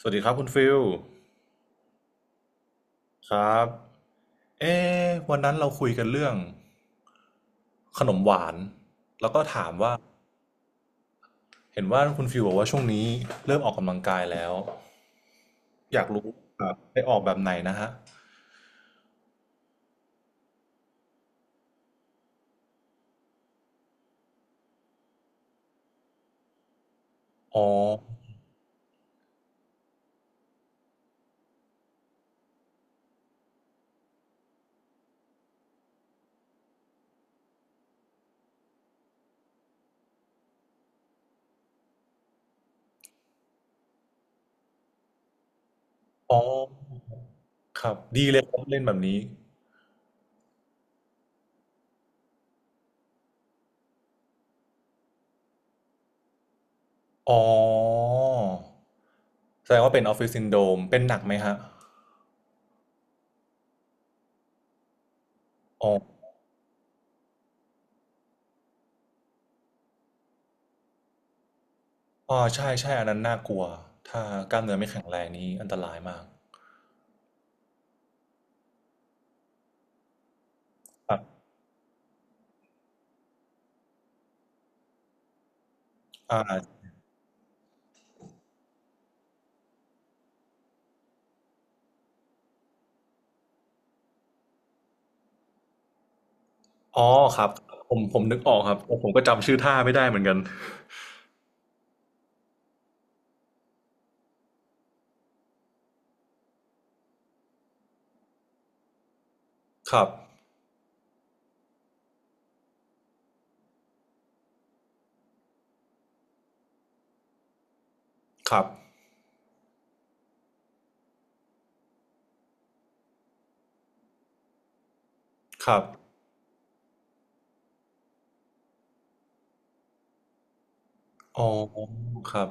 สวัสดีครับคุณฟิลครับเอ๊ะวันนั้นเราคุยกันเรื่องขนมหวานแล้วก็ถามว่าเห็นว่าคุณฟิลบอกว่าช่วงนี้เริ่มออกกำลังกายแล้วอยากรู้ครับไปออกแบบไหนนะฮะอ๋ออ๋อครับดีเลยครับเล่นแบบนี้อ๋อแสดงว่าเป็นออฟฟิศซินโดรมเป็นหนักไหมฮะอ๋ออ๋อใช่ใช่อันนั้นน่ากลัวถ้ากล้ามเนื้อไม่แข็งแรงนี้อันตรายมากครับอ่า อ๋อครับผมนึกออกครับแต่ผมก็จำชื่อท่าไม่ได้เหมือนกันครับครับครับอ๋อครับ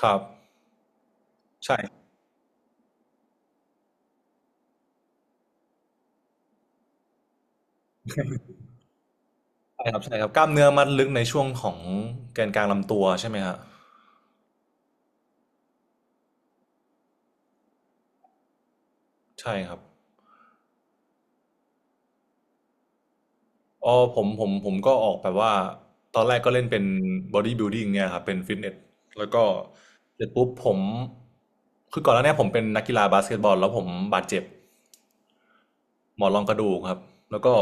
ครับใช่ใช่ครับใช่ครับกล้ามเนื้อมัดลึกในช่วงของแกนกลางลำตัวใช่ไหมครับใช่ครับอ๋อผมก็ออกแบบว่าตอนแรกก็เล่นเป็น Body Building เนี่ยครับเป็นฟิตเนสแล้วก็เสร็จปุ๊บผมคือก่อนหน้าเนี้ผมเป็นนักกีฬาบาสเกตบอลแล้วผมบาดเจ็บหมอนรองกระดูกครับแล้วก็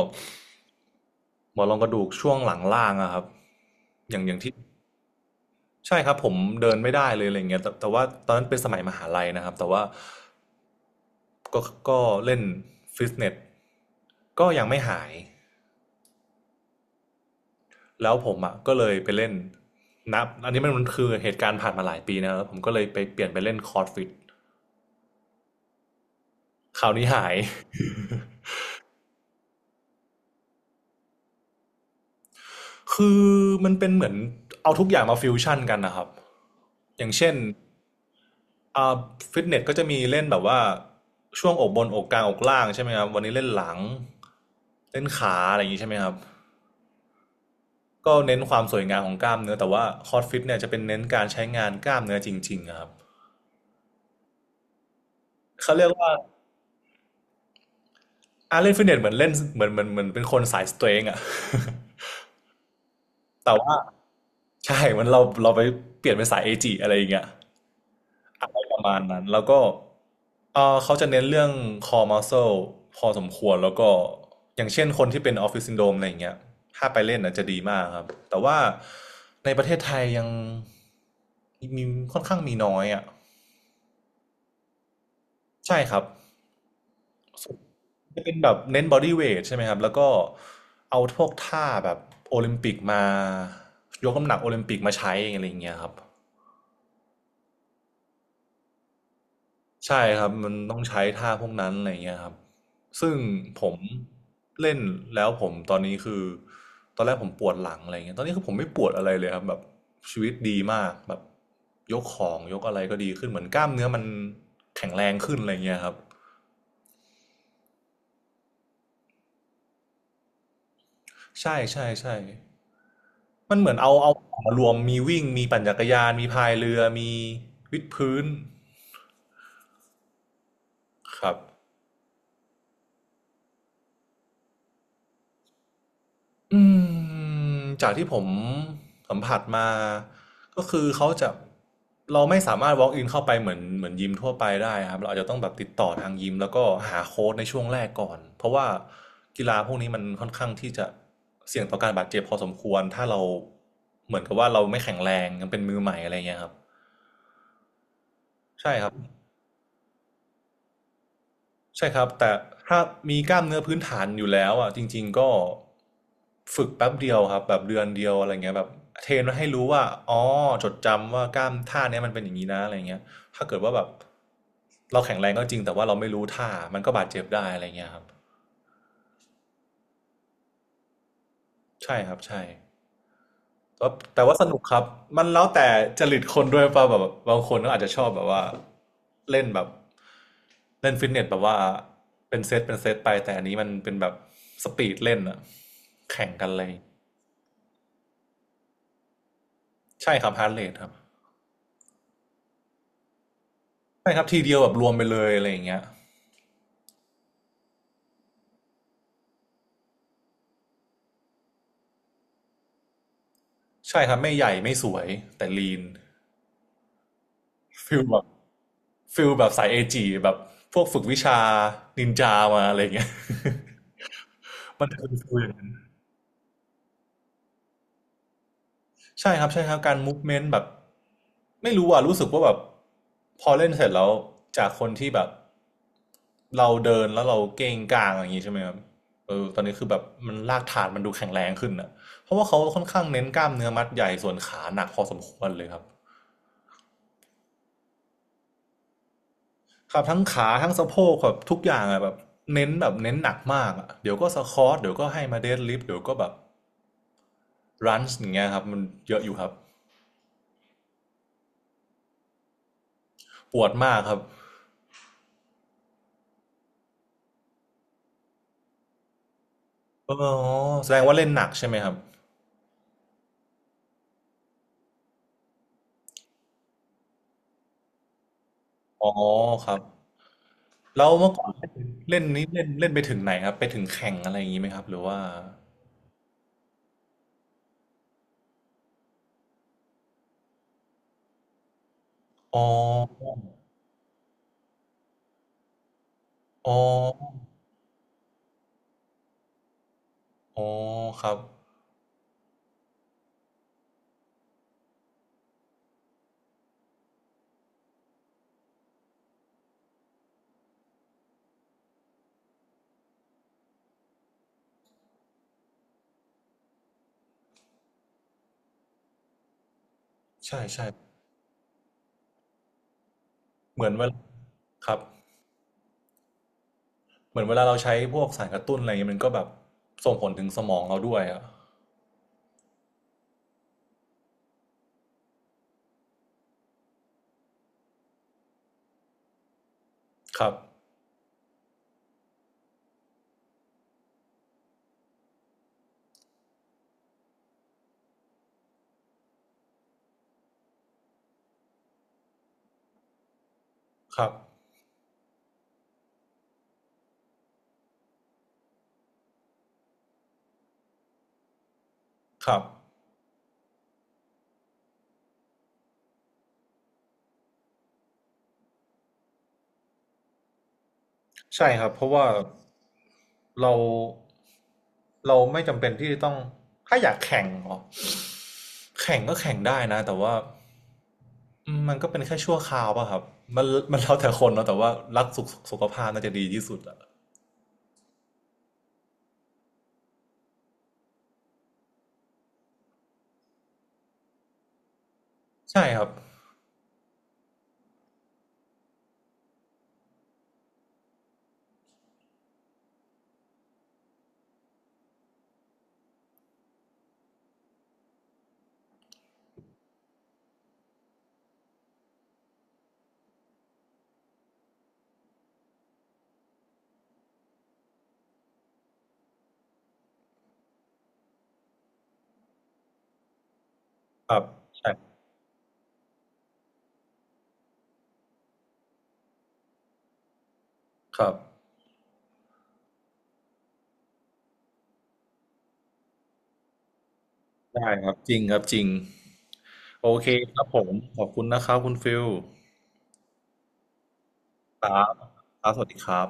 หมอนรองกระดูกช่วงหลังล่างอะครับอย่างที่ใช่ครับผมเดินไม่ได้เลยอะไรเงี้ยแต่แต่ว่าตอนนั้นเป็นสมัยมหาลัยนะครับแต่ว่าก็ก็เล่นฟิตเนสก็ยังไม่หายแล้วผมอะก็เลยไปเล่นนับอันนี้มันคือเหตุการณ์ผ่านมาหลายปีนะแล้วผมก็เลยไปเปลี่ยนไปเล่นคอร์ดฟิตคราวนี้หาย คือมันเป็นเหมือนเอาทุกอย่างมาฟิวชั่นกันนะครับอย่างเช่น อ่าฟิตเนสก็จะมีเล่นแบบว่าช่วงอกบนอกกลางอกล่างใช่ไหมครับวันนี้เล่นหลังเล่นขาอะไรอย่างนี้ใช่ไหมครับก็เน้นความสวยงามของกล้ามเนื้อแต่ว่าคอร์สฟิตเนี่ยจะเป็นเน้นการใช้งานกล้ามเนื้อจริงๆอะครับเขาเรียกว่าอาเล่นฟิตเนสเหมือนเล่นเหมือนเหมือนเหมือนเป็นคนสายสเตรงอะ แต่ว่าใช่มันเราไปเปลี่ยนเป็นสายเอจิอะไรอย่างเงี้ย อะไรประมาณนั้นแล้วก็เขาจะเน้นเรื่อง core muscle พอสมควรแล้วก็อย่างเช่นคนที่เป็นออฟฟิศซินโดรมอะไรอย่างเงี้ยถ้าไปเล่นน่ะจะดีมากครับ แต่ว่าในประเทศไทยยังมีค่อนข้างมีน้อยอ่ะใช่ครับจะเป็นแบบเน้นบอดี้เวทใช่ไหมครับแล้วก็เอาพวกท่าแบบโอลิมปิกมายกน้ำหนักโอลิมปิกมาใช้อะไรอย่างเงี้ยครับ ใช่ครับมันต้องใช้ท่าพวกนั้นอะไรเงี้ยครับซึ่งผมเล่นแล้วผมตอนนี้คือตอนแรกผมปวดหลังอะไรเงี้ยตอนนี้คือผมไม่ปวดอะไรเลยครับแบบชีวิตดีมากแบบยกของยกอะไรก็ดีขึ้นเหมือนกล้ามเนื้อมันแข็งแรงขึ้นอะไรเงี้ยครับใช่ใช่ใช่มันเหมือนเอามารวมมีวิ่งมีปั่นจักรยานมีพายเรือมีวิดพื้นครับ อืจากที่ผมสัมผัสมาก็คือเขาจะเราไม่สามารถ walk in เข้าไปเหมือนยิมทั่วไปได้ครับเราอาจจะต้องแบบติดต่อทางยิมแล้วก็หาโค้ชในช่วงแรกก่อนเพราะว่ากีฬาพวกนี้มันค่อนข้างที่จะเสี่ยงต่อการบาดเจ็บพอสมควรถ้าเราเหมือนกับว่าเราไม่แข็งแรงยังเป็นมือใหม่อะไรเงี้ยครับใช่ครับ ใช่ครับแต่ถ้ามีกล้ามเนื้อพื้นฐานอยู่แล้วอ่ะจริงๆก็ฝึกแป๊บเดียวครับแบบเดือนเดียวอะไรเงี้ยแบบเทรนมาให้รู้ว่าอ๋อจดจำว่ากล้ามท่าเนี้ยมันเป็นอย่างนี้นะอะไรเงี้ยถ้าเกิดว่าแบบเราแข็งแรงก็จริงแต่ว่าเราไม่รู้ท่ามันก็บาดเจ็บได้อะไรเงี้ยครับใช่ครับใช่ ก็แต่ว่าสนุกครับมันแล้วแต่จริตคนด้วยป่ะแบบบางคนก็อาจจะชอบแบบว่าเล่นแบบเล่นฟิตเนสแบบว่าเป็นเซตเป็นเซตไปแต่อันนี้มันเป็นแบบสปีดเล่นอะแข่งกันเลยใช่ครับฮาร์ดเรทครับใช่ครับทีเดียวแบบรวมไปเลยอะไรอย่างเงี้ยใช่ครับไม่ใหญ่ไม่สวยแต่ลีนฟิลแบบฟิลแบบสายเอจีแบบพวกฝึกวิชานินจามาอะไรอย่างเงี้ยมันจะเป็นฟิลอย่างนั้น ใช่ครับใช่ครับการ movement แบบไม่รู้อ่ะรู้สึกว่าแบบพอเล่นเสร็จแล้วจากคนที่แบบเราเดินแล้วเราเกรงกลางอย่างนี้ใช่ไหมครับเออตอนนี้คือแบบมันลากฐานมันดูแข็งแรงขึ้นนะเพราะว่าเขาค่อนข้างเน้นกล้ามเนื้อมัดใหญ่ส่วนขาหนักพอสมควรเลยครับครับทั้งขาทั้งสะโพกแบบทุกอย่างอะแบบเน้นหนักมากอะเดี๋ยวก็สควอทเดี๋ยวก็ให้มาเดดลิฟต์เดี๋ยวก็แบบรันช์อย่างเงี้ยครับมันเยอะอยู่ครับปวดมากครับอ๋อแสดงว่าเล่นหนักใช่ไหมครับ อ๋อครับแล้วเมื่อก่อนเล่นนี้เล่นเล่นไปถึงไหนครับไปถึงแข่งอะไรอย่างนี้ไหมครับหรือว่าอ๋ออ๋ออ๋อครับใช่ใช่เหมือนเวลาครับเหมือนเวลาเราใช้พวกสารกระตุ้นอะไรอย่างนี้มันก็แบบส่งผลถึงสมองเราด้วยอะครับครับครับใช่ครับเพราะว่าเราเราไม่จำเป็นที่จะต้องถ้าอยากแข่งเหรอแข่งก็แข่งได้นะแต่ว่า อืมมันก็เป็นแค่ชั่วคราวป่ะครับ มันมันแล้วแต่คนเนาะแต่ว่ารักสุขภาพน่าจะดีที่สุดอะใช่ครับครับใช่ครับได้ครับจริงครับจริงโอเคครับผมขอบคุณนะครับคุณฟิลครับครับสวัสดีครับ